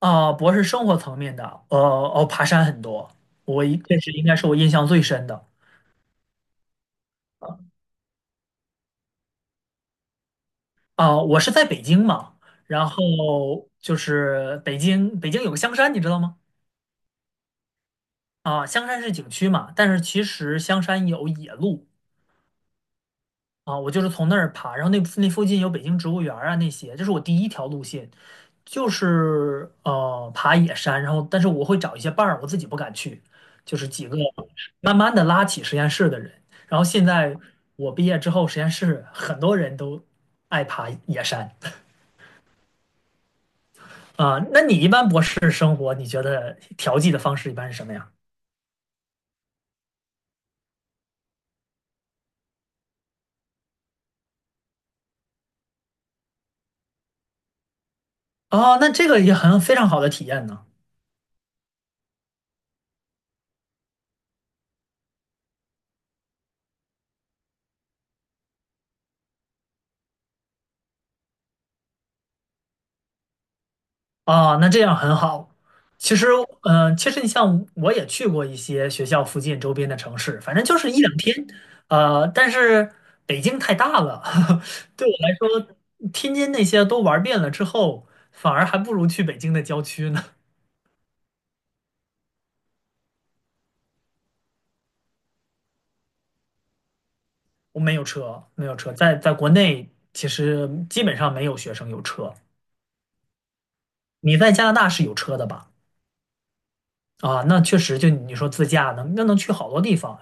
博士，生活层面的，爬山很多，我一这是应该是我印象最深的。我是在北京嘛，然后北京有个香山，你知道吗？香山是景区嘛，但是其实香山有野路。我就是从那儿爬，然后那附近有北京植物园儿啊那些，这是我第一条路线，就是爬野山，然后但是我会找一些伴儿，我自己不敢去，就是几个。慢慢的拉起实验室的人。然后现在我毕业之后，实验室很多人都爱爬野山。啊。那你一般博士生活，你觉得调剂的方式一般是什么呀？哦，那这个也很非常好的体验呢。啊，那这样很好。其实，其实你像我也去过一些学校附近周边的城市，反正就是一两天。呃，但是北京太大了，对我来说，天津那些都玩遍了之后，反而还不如去北京的郊区呢。我没有车，没有车，在国内其实基本上没有学生有车。你在加拿大是有车的吧？啊，那确实，就你说自驾能，那能去好多地方。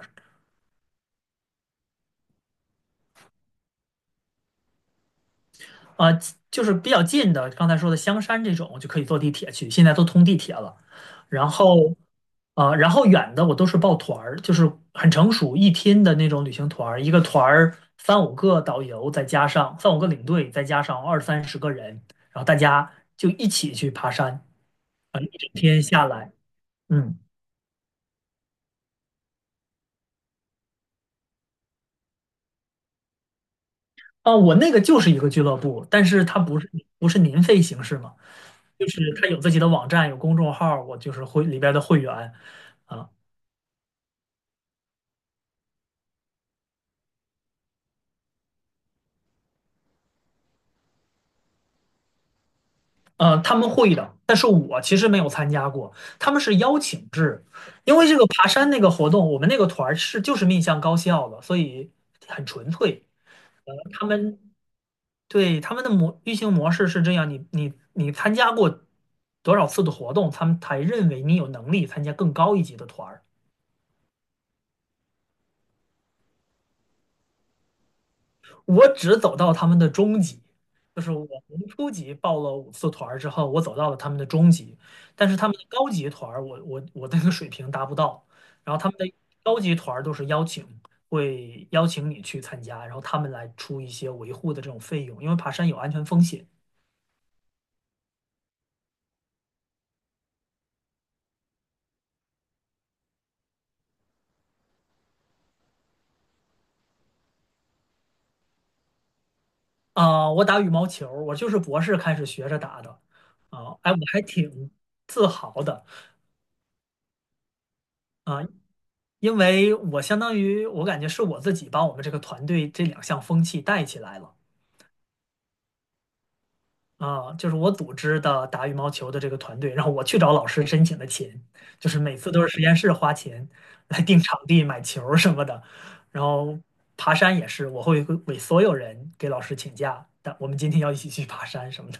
啊，就是比较近的，刚才说的香山这种就可以坐地铁去，现在都通地铁了。然后啊，然后远的我都是报团儿，就是很成熟一天的那种旅行团儿，一个团儿三五个导游，再加上三五个领队，再加上二三十个人，然后大家就一起去爬山。啊，一整天下来，嗯，啊，我那个就是一个俱乐部，但是它不是年费形式嘛，就是它有自己的网站，有公众号我就是会里边的会员，啊，呃，他们会的，但是我其实没有参加过，他们是邀请制，因为这个爬山那个活动，我们那个团儿就是面向高校的，所以很纯粹，他们对，他们的运行模式是这样，你参加过多少次的活动，他们才认为你有能力参加更高一级的团儿。我只走到他们的中级，就是我从初级报了五次团儿之后，我走到了他们的中级，但是他们的高级团儿，我的那个水平达不到。然后他们的高级团儿都是邀请，会邀请你去参加，然后他们来出一些维护的这种费用，因为爬山有安全风险。我打羽毛球我就是博士开始学着打的。哎，我还挺自豪的。啊、因为我相当于我感觉是我自己把我们这个团队这两项风气带起来了。就是我组织的打羽毛球的这个团队，然后我去找老师申请的钱，就是每次都是实验室花钱来定场地、买球儿什么的，然后爬山也是，我会为所有人给老师请假，但我们今天要一起去爬山什么的。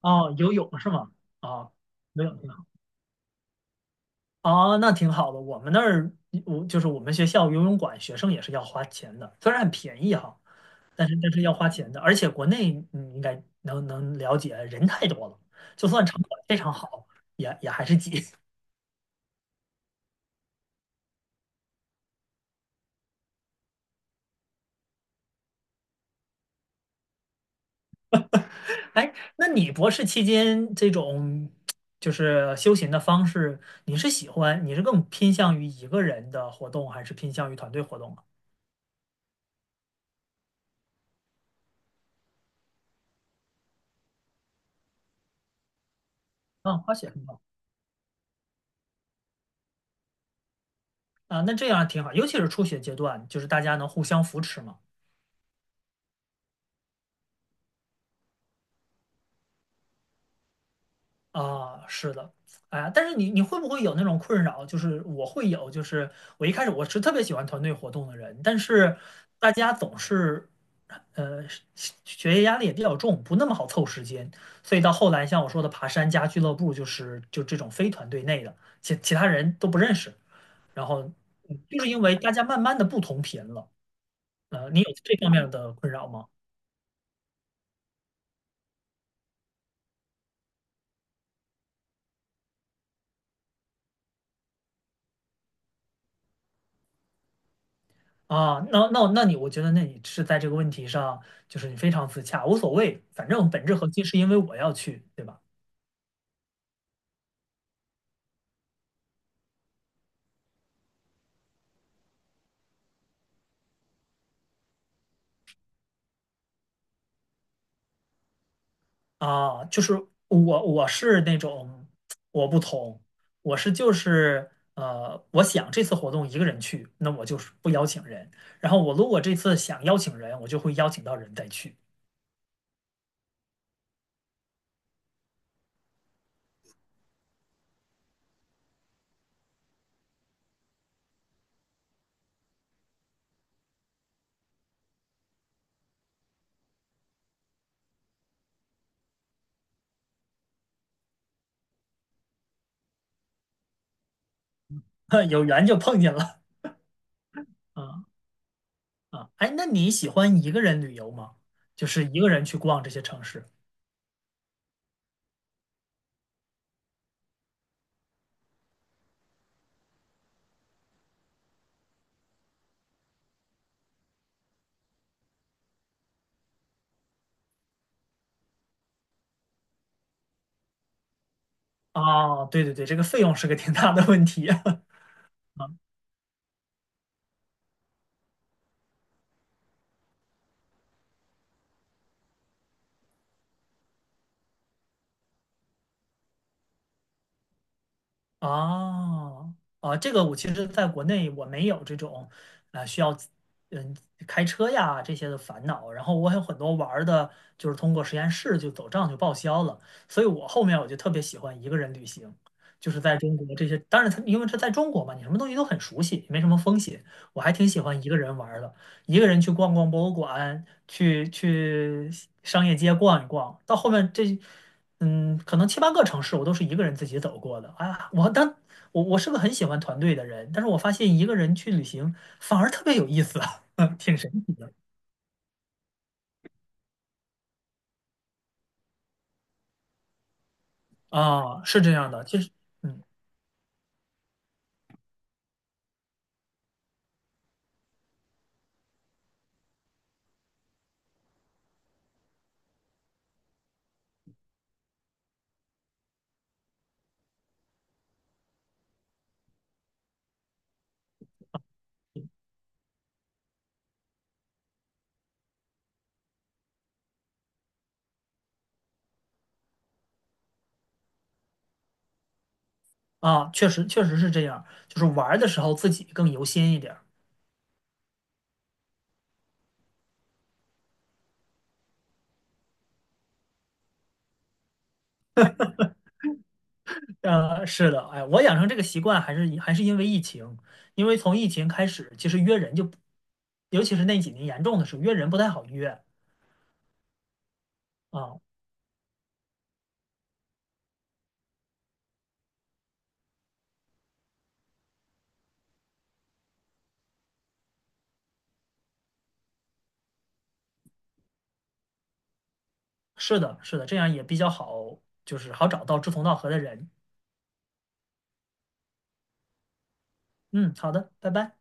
哦，游泳是吗？哦，没有。哦，那挺好的。我们那儿，我就是我们学校游泳馆，学生也是要花钱的，虽然很便宜哈，但是这是要花钱的。而且国内你应该能了解，人太多了，就算场馆非常好，也还是挤。哎，那你博士期间这种就是休闲的方式，你是喜欢，你是更偏向于一个人的活动，还是偏向于团队活动啊？啊，滑雪很棒。啊，那这样挺好，尤其是初学阶段，就是大家能互相扶持嘛。啊，是的，哎呀，但是你会不会有那种困扰？就是我会有，就是我一开始我是特别喜欢团队活动的人，但是大家总是，呃，学业压力也比较重，不那么好凑时间，所以到后来像我说的爬山加俱乐部，就这种非团队内的，其他人都不认识，然后就是因为大家慢慢的不同频了，呃，你有这方面的困扰吗？啊，那你，我觉得那你是在这个问题上，就是你非常自洽，无所谓，反正本质核心是因为我要去，对吧？啊，就是我是那种我不同，我就是，我想这次活动一个人去，那我就是不邀请人，然后我如果这次想邀请人，我就会邀请到人再去，有缘就碰见了，啊。啊，哎，那你喜欢一个人旅游吗？就是一个人去逛这些城市？啊，对对对，这个费用是个挺大的问题。哦，啊，这个我其实在国内我没有这种，需要嗯开车呀这些的烦恼。然后我有很多玩儿的，就是通过实验室就走账就报销了。所以我后面我就特别喜欢一个人旅行，就是在中国这些，当然它因为它在中国嘛，你什么东西都很熟悉，没什么风险。我还挺喜欢一个人玩儿的，一个人去逛逛博物馆，去商业街逛一逛。到后面这。嗯，可能七八个城市我都是一个人自己走过的啊。我当我我是个很喜欢团队的人，但是我发现一个人去旅行反而特别有意思，嗯挺神奇的。啊。是这样的，其实嗯啊，确实确实是这样，就是玩儿的时候自己更游心一点儿。呃，是的，哎，我养成这个习惯还是因为疫情，因为从疫情开始，其实约人就，尤其是那几年严重的时候，约人不太好约。啊。是的，是的，这样也比较好，就是好找到志同道合的人。嗯，好的，拜拜。